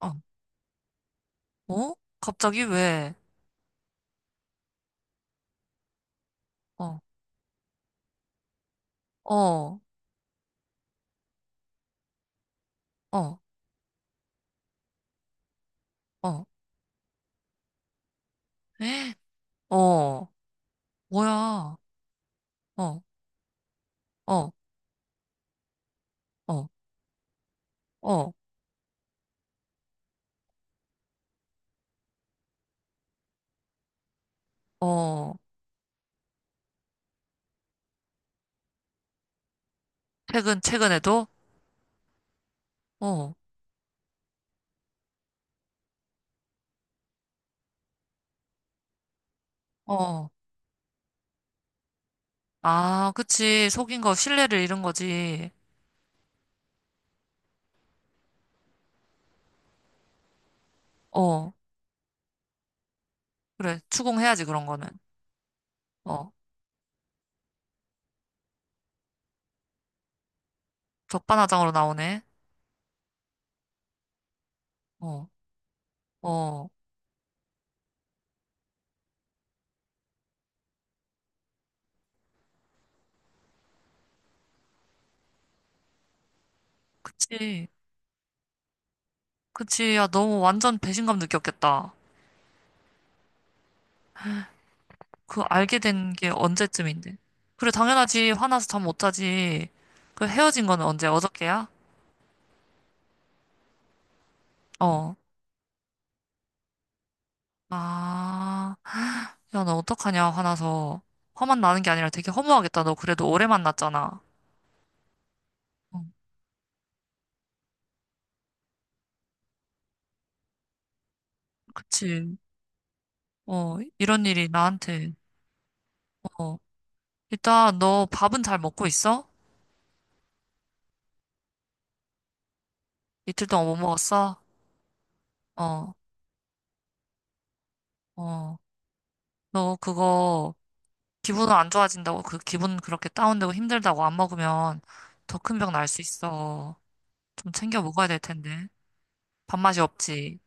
어, 어? 갑자기 왜? 어, 어, 어, 어, 에? 어, 뭐야? 어, 어, 어, 어, 어. 최근에도? 어, 어. 아, 그치. 속인 거, 신뢰를 잃은 거지. 어, 그래. 추궁해야지, 그런 거는. 어, 적반하장으로 나오네. 어, 어. 그치. 그치. 야, 너무 완전 배신감 느꼈겠다. 그 알게 된 게 언제쯤인데? 그래, 당연하지. 화나서 잠 못 자지. 그 헤어진 거는 언제? 어저께야? 어. 아, 야, 너 어떡하냐, 화나서. 화만 나는 게 아니라 되게 허무하겠다. 너 그래도 오래 만났잖아. 어, 그치. 어, 이런 일이 나한테. 어. 일단, 너 밥은 잘 먹고 있어? 이틀 동안 못 먹었어? 어, 어. 너 그거, 기분 안 좋아진다고, 그 기분 그렇게 다운되고 힘들다고 안 먹으면 더 큰 병 날 수 있어. 좀 챙겨 먹어야 될 텐데. 밥맛이 없지.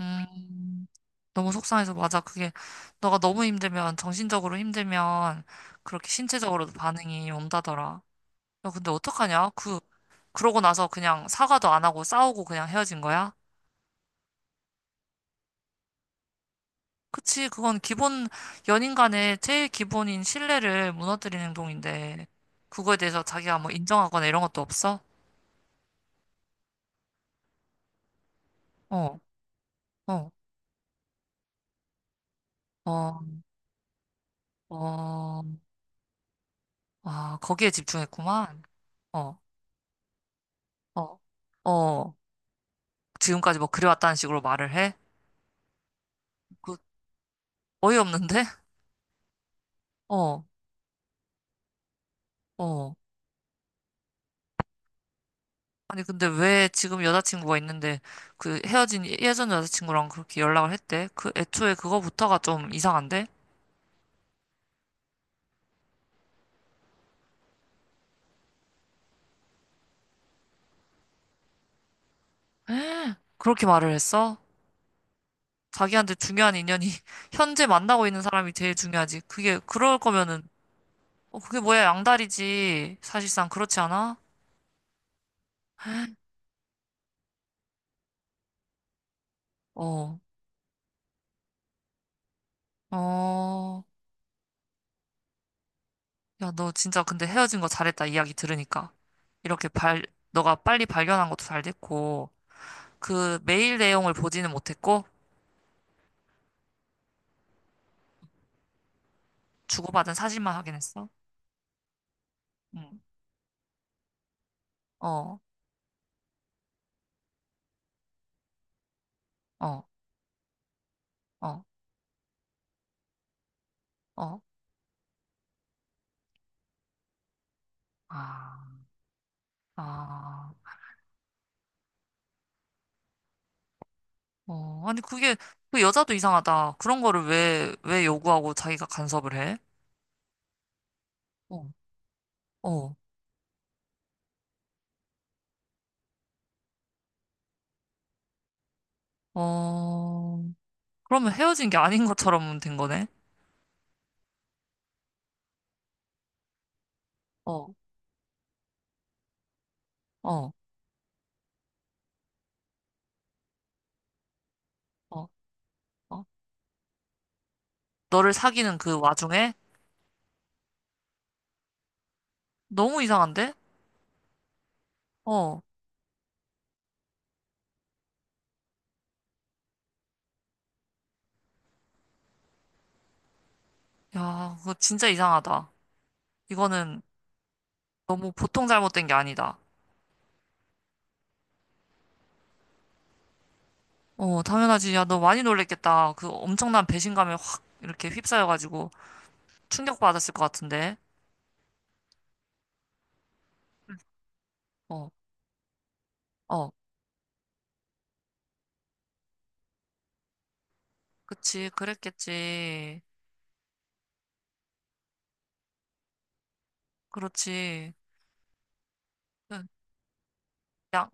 음, 너무 속상해서 맞아. 그게 너가 너무 힘들면 정신적으로 힘들면 그렇게 신체적으로도 반응이 온다더라. 야, 근데 어떡하냐? 그 그러고 나서 그냥 사과도 안 하고 싸우고 그냥 헤어진 거야? 그치, 그건 기본 연인 간의 제일 기본인 신뢰를 무너뜨리는 행동인데 그거에 대해서 자기가 뭐 인정하거나 이런 것도 없어? 어, 어, 어, 어, 아, 거기에 집중했구만. 어. 어, 어, 지금까지 뭐 그래왔다는 식으로 말을 해? 그, 어이없는데? 어, 어. 아니, 근데 왜 지금 여자친구가 있는데 그 헤어진 예전 여자친구랑 그렇게 연락을 했대? 그 애초에 그거부터가 좀 이상한데? 그렇게 말을 했어? 자기한테 중요한 인연이 현재 만나고 있는 사람이 제일 중요하지. 그게, 그럴 거면은, 어, 그게 뭐야, 양다리지. 사실상 그렇지 않아? 어, 어. 야, 너 진짜 근데 헤어진 거 잘했다 이야기 들으니까. 이렇게 너가 빨리 발견한 것도 잘 됐고, 그 메일 내용을 보지는 못했고, 주고받은 사진만 확인했어? 응. 어, 어, 어, 어. 아, 아, 어. 아니, 그게, 그 여자도 이상하다. 그런 거를 왜 요구하고 자기가 간섭을 해? 어, 어, 어. 그러면 헤어진 게 아닌 것처럼 된 거네? 어, 어, 어, 어. 너를 사귀는 그 와중에? 너무 이상한데? 어. 야, 그거 진짜 이상하다. 이거는 너무 보통 잘못된 게 아니다. 어, 당연하지. 야, 너 많이 놀랬겠다. 그 엄청난 배신감에 확 이렇게 휩싸여가지고 충격받았을 것 같은데. 어, 어, 그치. 그랬겠지. 그렇지. 응, 양,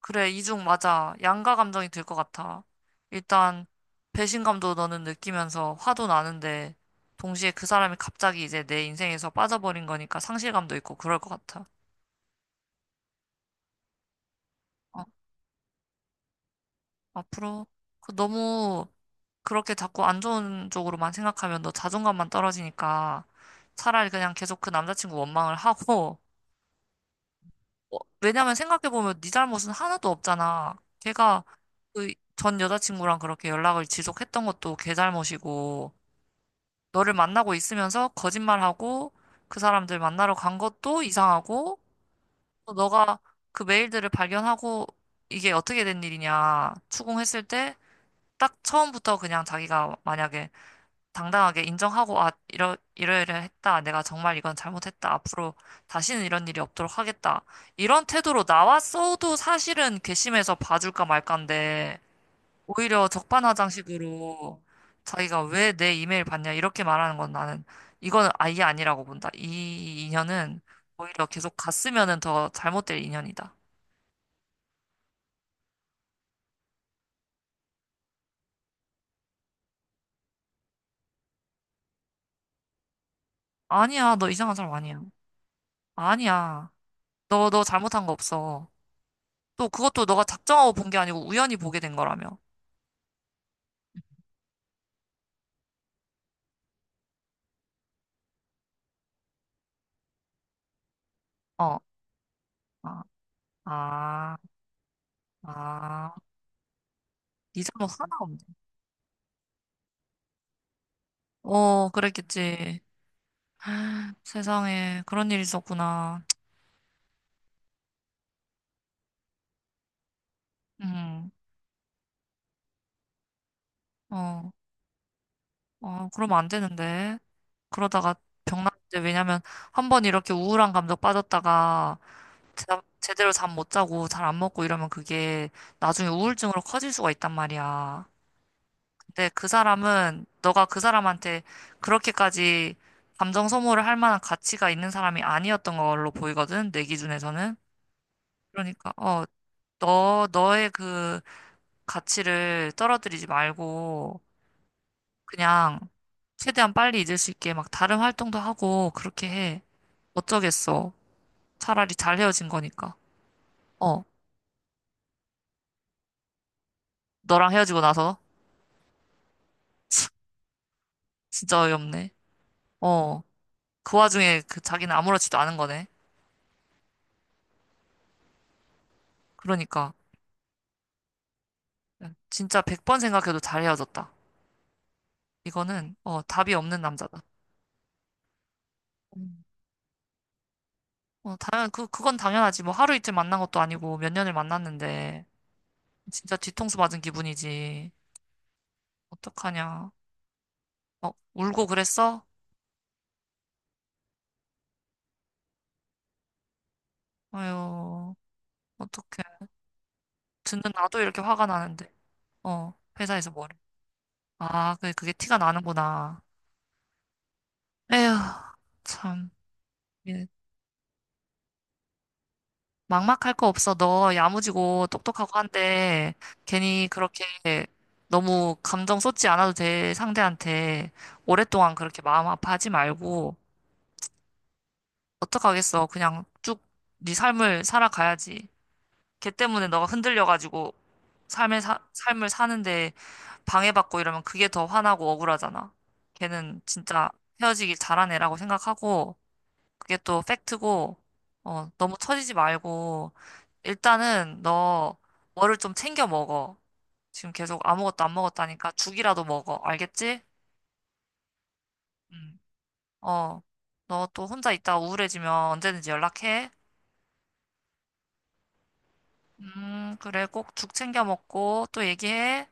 그래, 이중 맞아. 양가 감정이 들 것 같아. 일단, 배신감도 너는 느끼면서 화도 나는데, 동시에 그 사람이 갑자기 이제 내 인생에서 빠져버린 거니까 상실감도 있고 그럴 것 같아. 어. 앞으로 그 너무 그렇게 자꾸 안 좋은 쪽으로만 생각하면 너 자존감만 떨어지니까 차라리 그냥 계속 그 남자친구 원망을 하고 어, 왜냐면 생각해보면 네 잘못은 하나도 없잖아. 걔가 그 전 여자친구랑 그렇게 연락을 지속했던 것도 걔 잘못이고 너를 만나고 있으면서 거짓말하고 그 사람들 만나러 간 것도 이상하고 또 너가 그 메일들을 발견하고 이게 어떻게 된 일이냐 추궁했을 때 딱 처음부터 그냥 자기가 만약에 당당하게 인정하고, 아, 이러이러 했다. 내가 정말 이건 잘못했다. 앞으로 다시는 이런 일이 없도록 하겠다. 이런 태도로 나왔어도 사실은 괘씸해서 봐줄까 말까인데, 오히려 적반하장식으로 자기가 왜 내 이메일 봤냐. 이렇게 말하는 건 나는, 이건 아예 아니라고 본다. 이 인연은 오히려 계속 갔으면은 더 잘못될 인연이다. 아니야. 너 이상한 사람 아니야. 아니야. 너 잘못한 거 없어. 또 그것도 너가 작정하고 본 게 아니고 우연히 보게 된 거라며. 어, 아, 아, 아. 네 잘못 하나 없네. 어, 그랬겠지. 세상에, 그런 일이 있었구나. 음, 어, 어, 그러면 안 되는데. 그러다가 병났는데, 왜냐면 한 번 이렇게 우울한 감정 빠졌다가 제대로 잠 못 자고 잘 안 먹고 이러면 그게 나중에 우울증으로 커질 수가 있단 말이야. 근데 그 사람은 너가 그 사람한테 그렇게까지 감정 소모를 할 만한 가치가 있는 사람이 아니었던 걸로 보이거든, 내 기준에서는. 그러니까, 어, 너의 그 가치를 떨어뜨리지 말고 그냥 최대한 빨리 잊을 수 있게 막 다른 활동도 하고 그렇게 해. 어쩌겠어. 차라리 잘 헤어진 거니까. 어, 너랑 헤어지고 나서. 진짜 어이없네. 어, 그 와중에 그 자기는 아무렇지도 않은 거네. 그러니까. 진짜 100번 생각해도 잘 헤어졌다. 이거는 어, 답이 없는 남자다. 음. 어, 그건 당연하지. 뭐 하루 이틀 만난 것도 아니고 몇 년을 만났는데 진짜 뒤통수 맞은 기분이지. 어떡하냐. 어, 울고 그랬어? 아유, 어떡해. 듣는 나도 이렇게 화가 나는데. 어, 회사에서 뭐래. 아, 그게, 티가 나는구나. 에휴, 참. 예. 막막할 거 없어. 너 야무지고 똑똑하고 한데 괜히 그렇게 너무 감정 쏟지 않아도 돼. 상대한테 오랫동안 그렇게 마음 아파하지 말고 어떡하겠어. 그냥 쭉 네 삶을 살아가야지. 걔 때문에 너가 흔들려가지고 삶을 사는데 방해받고 이러면 그게 더 화나고 억울하잖아. 걔는 진짜 헤어지길 잘한 애라고 생각하고 그게 또 팩트고, 어, 너무 처지지 말고, 일단은 너 뭐를 좀 챙겨 먹어. 지금 계속 아무것도 안 먹었다니까 죽이라도 먹어. 알겠지? 음. 어, 너 또 혼자 있다 우울해지면 언제든지 연락해. 그래, 꼭 죽 챙겨 먹고 또 얘기해.